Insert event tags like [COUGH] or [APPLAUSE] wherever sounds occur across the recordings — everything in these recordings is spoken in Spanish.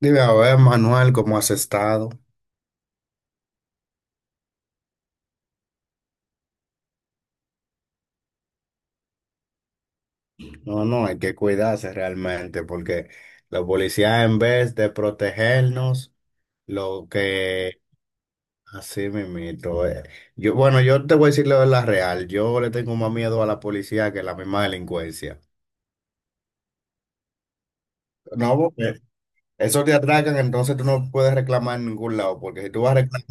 Dime, a ver, Manuel, ¿cómo has estado? No, no, hay que cuidarse realmente porque la policía en vez de protegernos, lo que así mismito es. Yo, bueno, yo te voy a decir la verdad real. Yo le tengo más miedo a la policía que a la misma delincuencia. No, porque esos te atracan, entonces tú no puedes reclamar en ningún lado, porque si tú vas a reclamar,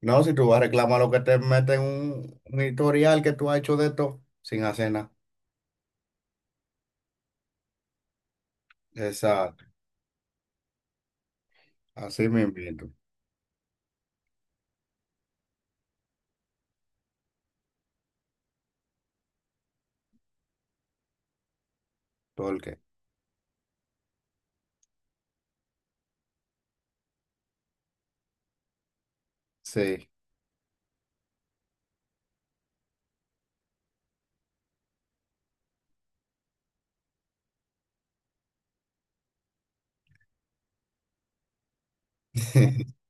no, si tú vas a reclamar lo que te meten un historial que tú has hecho de esto sin hacer nada. Exacto, así mismito. Porque sí. [LAUGHS]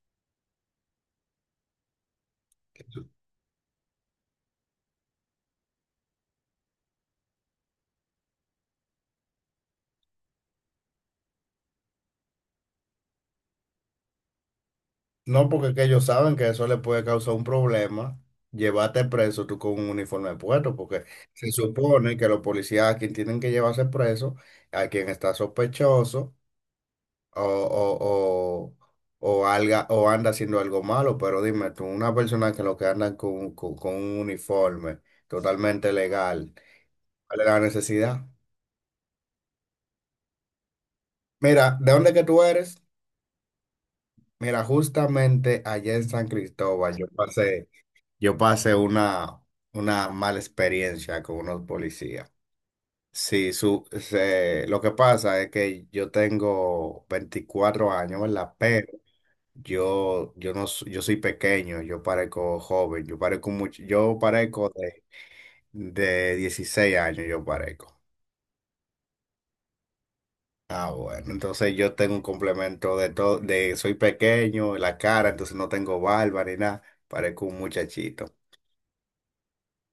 No, porque es que ellos saben que eso le puede causar un problema, llevarte preso tú con un uniforme puesto, porque se supone que los policías a quien tienen que llevarse preso, a quien está sospechoso o, o, o, o anda haciendo algo malo, pero dime tú, una persona que lo que anda con, con un uniforme totalmente legal, ¿cuál es la necesidad? Mira, ¿de dónde que tú eres? Mira, justamente allá en San Cristóbal, yo pasé. Yo pasé una mala experiencia con unos policías. Sí, lo que pasa es que yo tengo 24 años, ¿verdad? Pero yo no, s- yo soy pequeño, yo parezco joven, yo parezco mucho, yo parezco de 16 años, yo parezco. Ah, bueno, entonces yo tengo un complemento de todo, de soy pequeño, la cara, entonces no tengo barba ni nada, parezco un muchachito.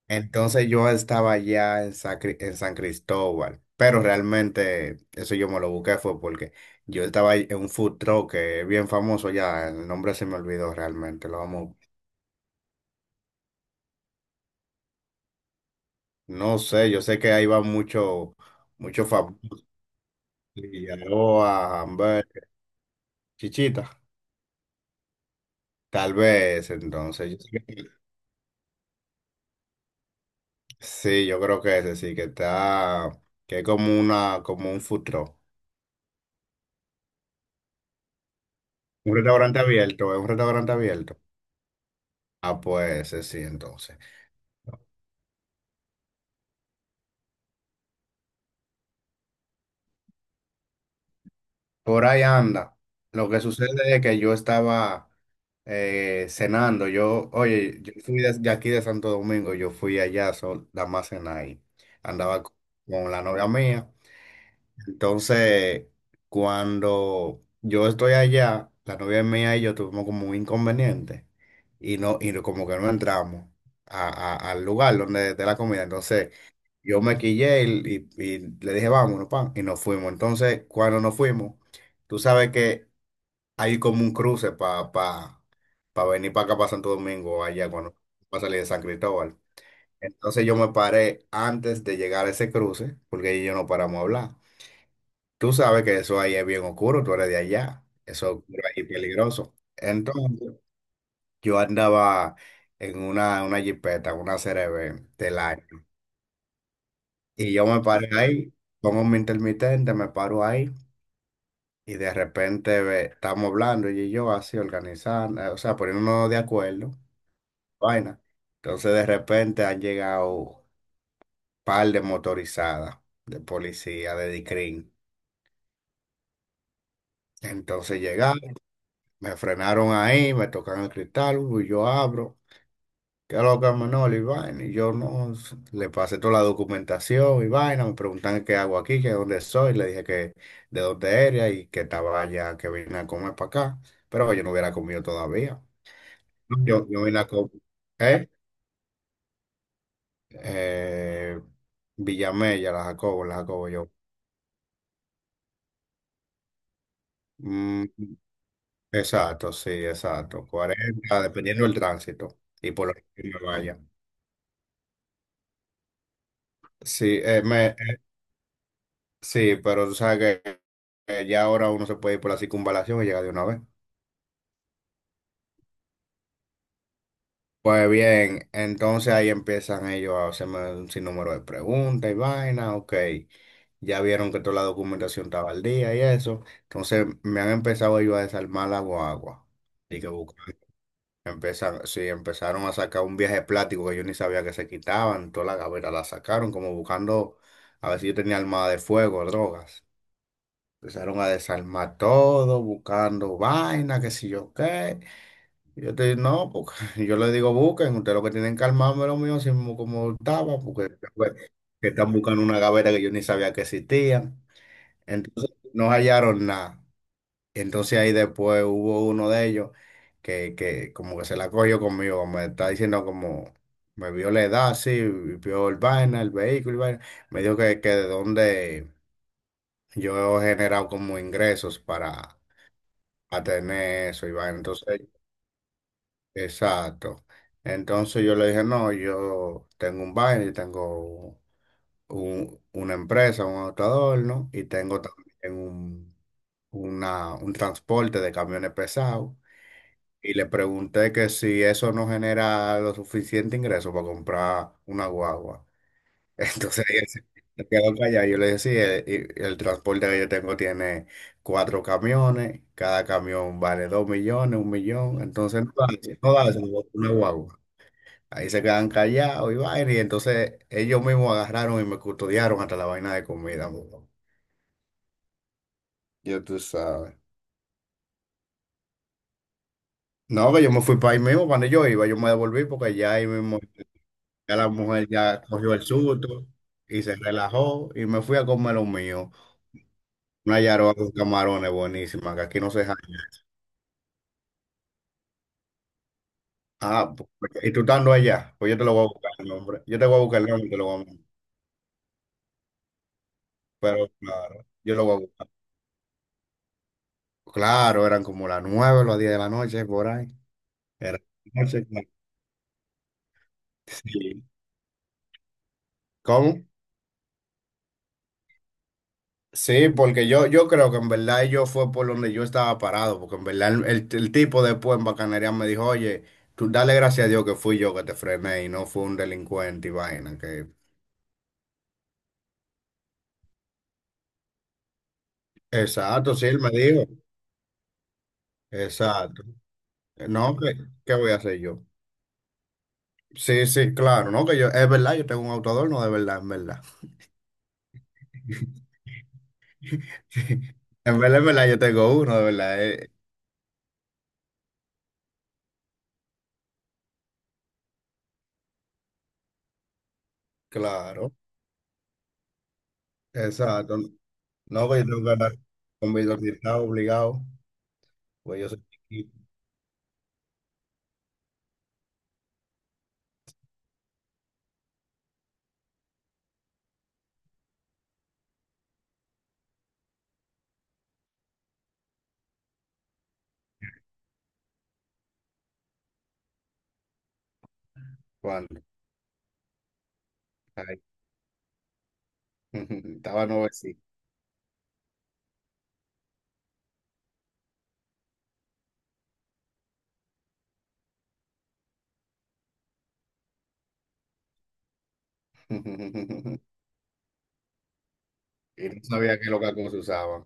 Entonces yo estaba allá en San Cristóbal, pero realmente eso yo me lo busqué fue porque yo estaba ahí en un food truck que es bien famoso allá, el nombre se me olvidó realmente, lo vamos, no sé, yo sé que ahí va mucho, mucho famoso, Figueroa, Hamburger, Chichita, tal vez, entonces, sí, yo creo que ese sí, que está, que es como una, como un food truck, un restaurante abierto, es un restaurante abierto, ah, pues ese sí, entonces. Por ahí anda. Lo que sucede es que yo estaba cenando. Yo, oye, yo fui de aquí de Santo Domingo, yo fui allá nada más cenar ahí. Andaba con la novia mía. Entonces, cuando yo estoy allá, la novia mía y yo tuvimos como un inconveniente como que no entramos al lugar donde de la comida. Entonces, yo me quillé y le dije, vámonos, pan, y nos fuimos. Entonces, cuando nos fuimos, tú sabes que hay como un cruce para pa, pa pa venir para acá, para Santo Domingo, allá, cuando para salir de San Cristóbal. Entonces, yo me paré antes de llegar a ese cruce, porque ahí yo no paramos a hablar. Tú sabes que eso ahí es bien oscuro, tú eres de allá, eso es oscuro ahí peligroso. Entonces, yo andaba en una jipeta, una CRV del año, y yo me paré ahí, pongo mi intermitente, me paro ahí, y de repente ve, estamos hablando, ella y yo así organizando, o sea, poniéndonos de acuerdo, vaina. Entonces, de repente han llegado un par de motorizadas, de policía, de dicrim. Entonces llegaron. Me frenaron ahí, me tocan el cristal, y yo abro. ¿Qué es lo que es Manolo? Y vaina. Y yo no, s- le pasé toda la documentación y vaina. Me preguntan qué hago aquí, que dónde soy. Le dije que de dónde era y que estaba allá, que vine a comer para acá. Pero yo no hubiera comido todavía. Yo vine a comer. ¿Eh? Eh, Villamella, la Jacobo, yo. Mm, exacto, sí, exacto. 40 dependiendo del tránsito y por lo que me vaya. Sí, me, sí, pero tú sabes que que ya ahora uno se puede ir por la circunvalación y llega de una vez. Pues bien, entonces ahí empiezan ellos a hacerme un sinnúmero de preguntas y vaina, ok. Ya vieron que toda la documentación estaba al día y eso. Entonces me han empezado ellos a desarmar la guagua. Y que buscan- Empiezan, sí, empezaron a sacar un viaje plástico que yo ni sabía que se quitaban. Toda la gaveta la sacaron como buscando a ver si yo tenía armada de fuego, drogas. Empezaron a desarmar todo, buscando vaina, qué sé yo qué. Y yo te digo no, porque [LAUGHS] yo les digo, busquen, ustedes lo que tienen que armarme lo mío, así mismo como estaba, porque después que están buscando una gaveta que yo ni sabía que existía. Entonces no hallaron nada. Entonces ahí después hubo uno de ellos que como que se la cogió conmigo, me está diciendo como, me vio la edad, sí, y vio el vaina, el vehículo, y vaina. Me dijo que de dónde yo he generado como ingresos para a tener eso, Iván. Entonces, exacto. Entonces yo le dije, no, yo tengo un baile, tengo una empresa, un autoador, ¿no? Y tengo también un transporte de camiones pesados. Y le pregunté que si eso no genera lo suficiente ingreso para comprar una guagua. Entonces [LAUGHS] él se quedó callado. Yo le dije, sí, el, el transporte que yo tengo tiene cuatro camiones, cada camión vale 2 millones, 1 millón, entonces no da, no da, se lo botó una guagua. Ahí se quedan callados y vaina, y entonces ellos mismos agarraron y me custodiaron hasta la vaina de comida. Mano. Ya tú sabes. No, que yo me fui para ahí mismo, cuando yo iba, yo me devolví porque ya ahí mismo, ya la mujer ya cogió el susto y se relajó y me fui a comer lo mío. Una yaroa con camarones buenísima, que aquí no se jaña. Ah, pues, y tú estando allá, pues yo te lo voy a buscar el nombre. Yo te voy a buscar el nombre y te lo voy a mandar. Pero claro, yo lo voy a buscar. Claro, eran como las 9, las 10 de la noche, por ahí. Era noche, claro. Sí. ¿Cómo? Sí, porque yo creo que en verdad yo fue por donde yo estaba parado, porque en verdad el tipo después en Bacanería me dijo, oye, tú dale gracias a Dios que fui yo que te frené y no fue un delincuente y vaina. Que... Exacto, sí, él me dijo. Exacto. No, ¿qué voy a hacer yo? Sí, sí, claro, no, que yo, es verdad, yo tengo un autoador, no, de verdad, en verdad. [LAUGHS] En verdad, yo tengo uno, de verdad, claro, exacto. No, que yo tengo que andar con mi doctorado obligado, pues yo soy chiquito. Cuando, ay, [LAUGHS] estaba nuevecito. [LAUGHS] Y no sabía qué loca se usaban.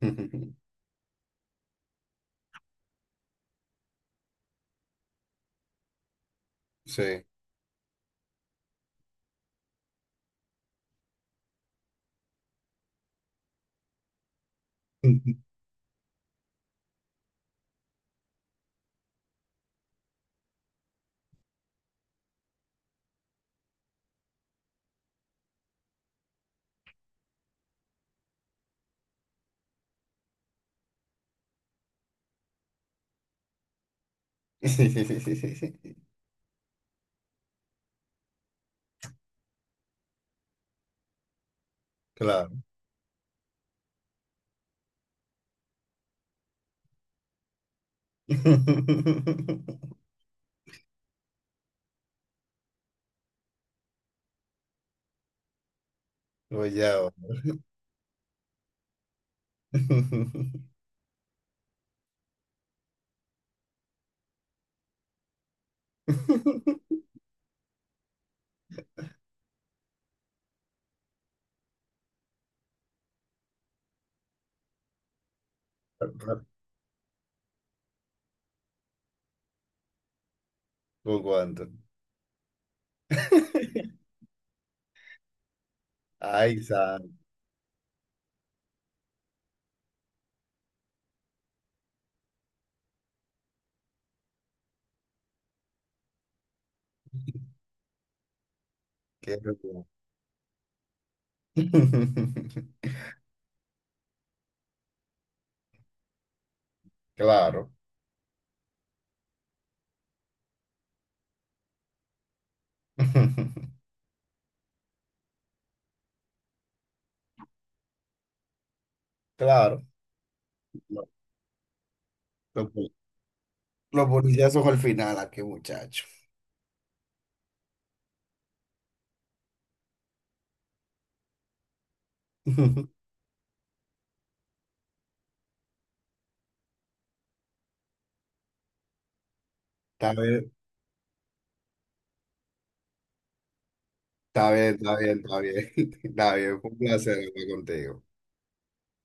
[LAUGHS] Sí. [LAUGHS] Claro. [LAUGHS] Pues ya. [LAUGHS] va. [LAUGHS] Poco antes. [LAUGHS] Ay, San, qué rico. [LAUGHS] Claro. [LAUGHS] Claro. Lo- lo- Los policías son al final, ¿a qué muchacho? [LAUGHS] Está bien, está bien, está bien, está bien. [LAUGHS] Está bien, fue un placer hablar contigo.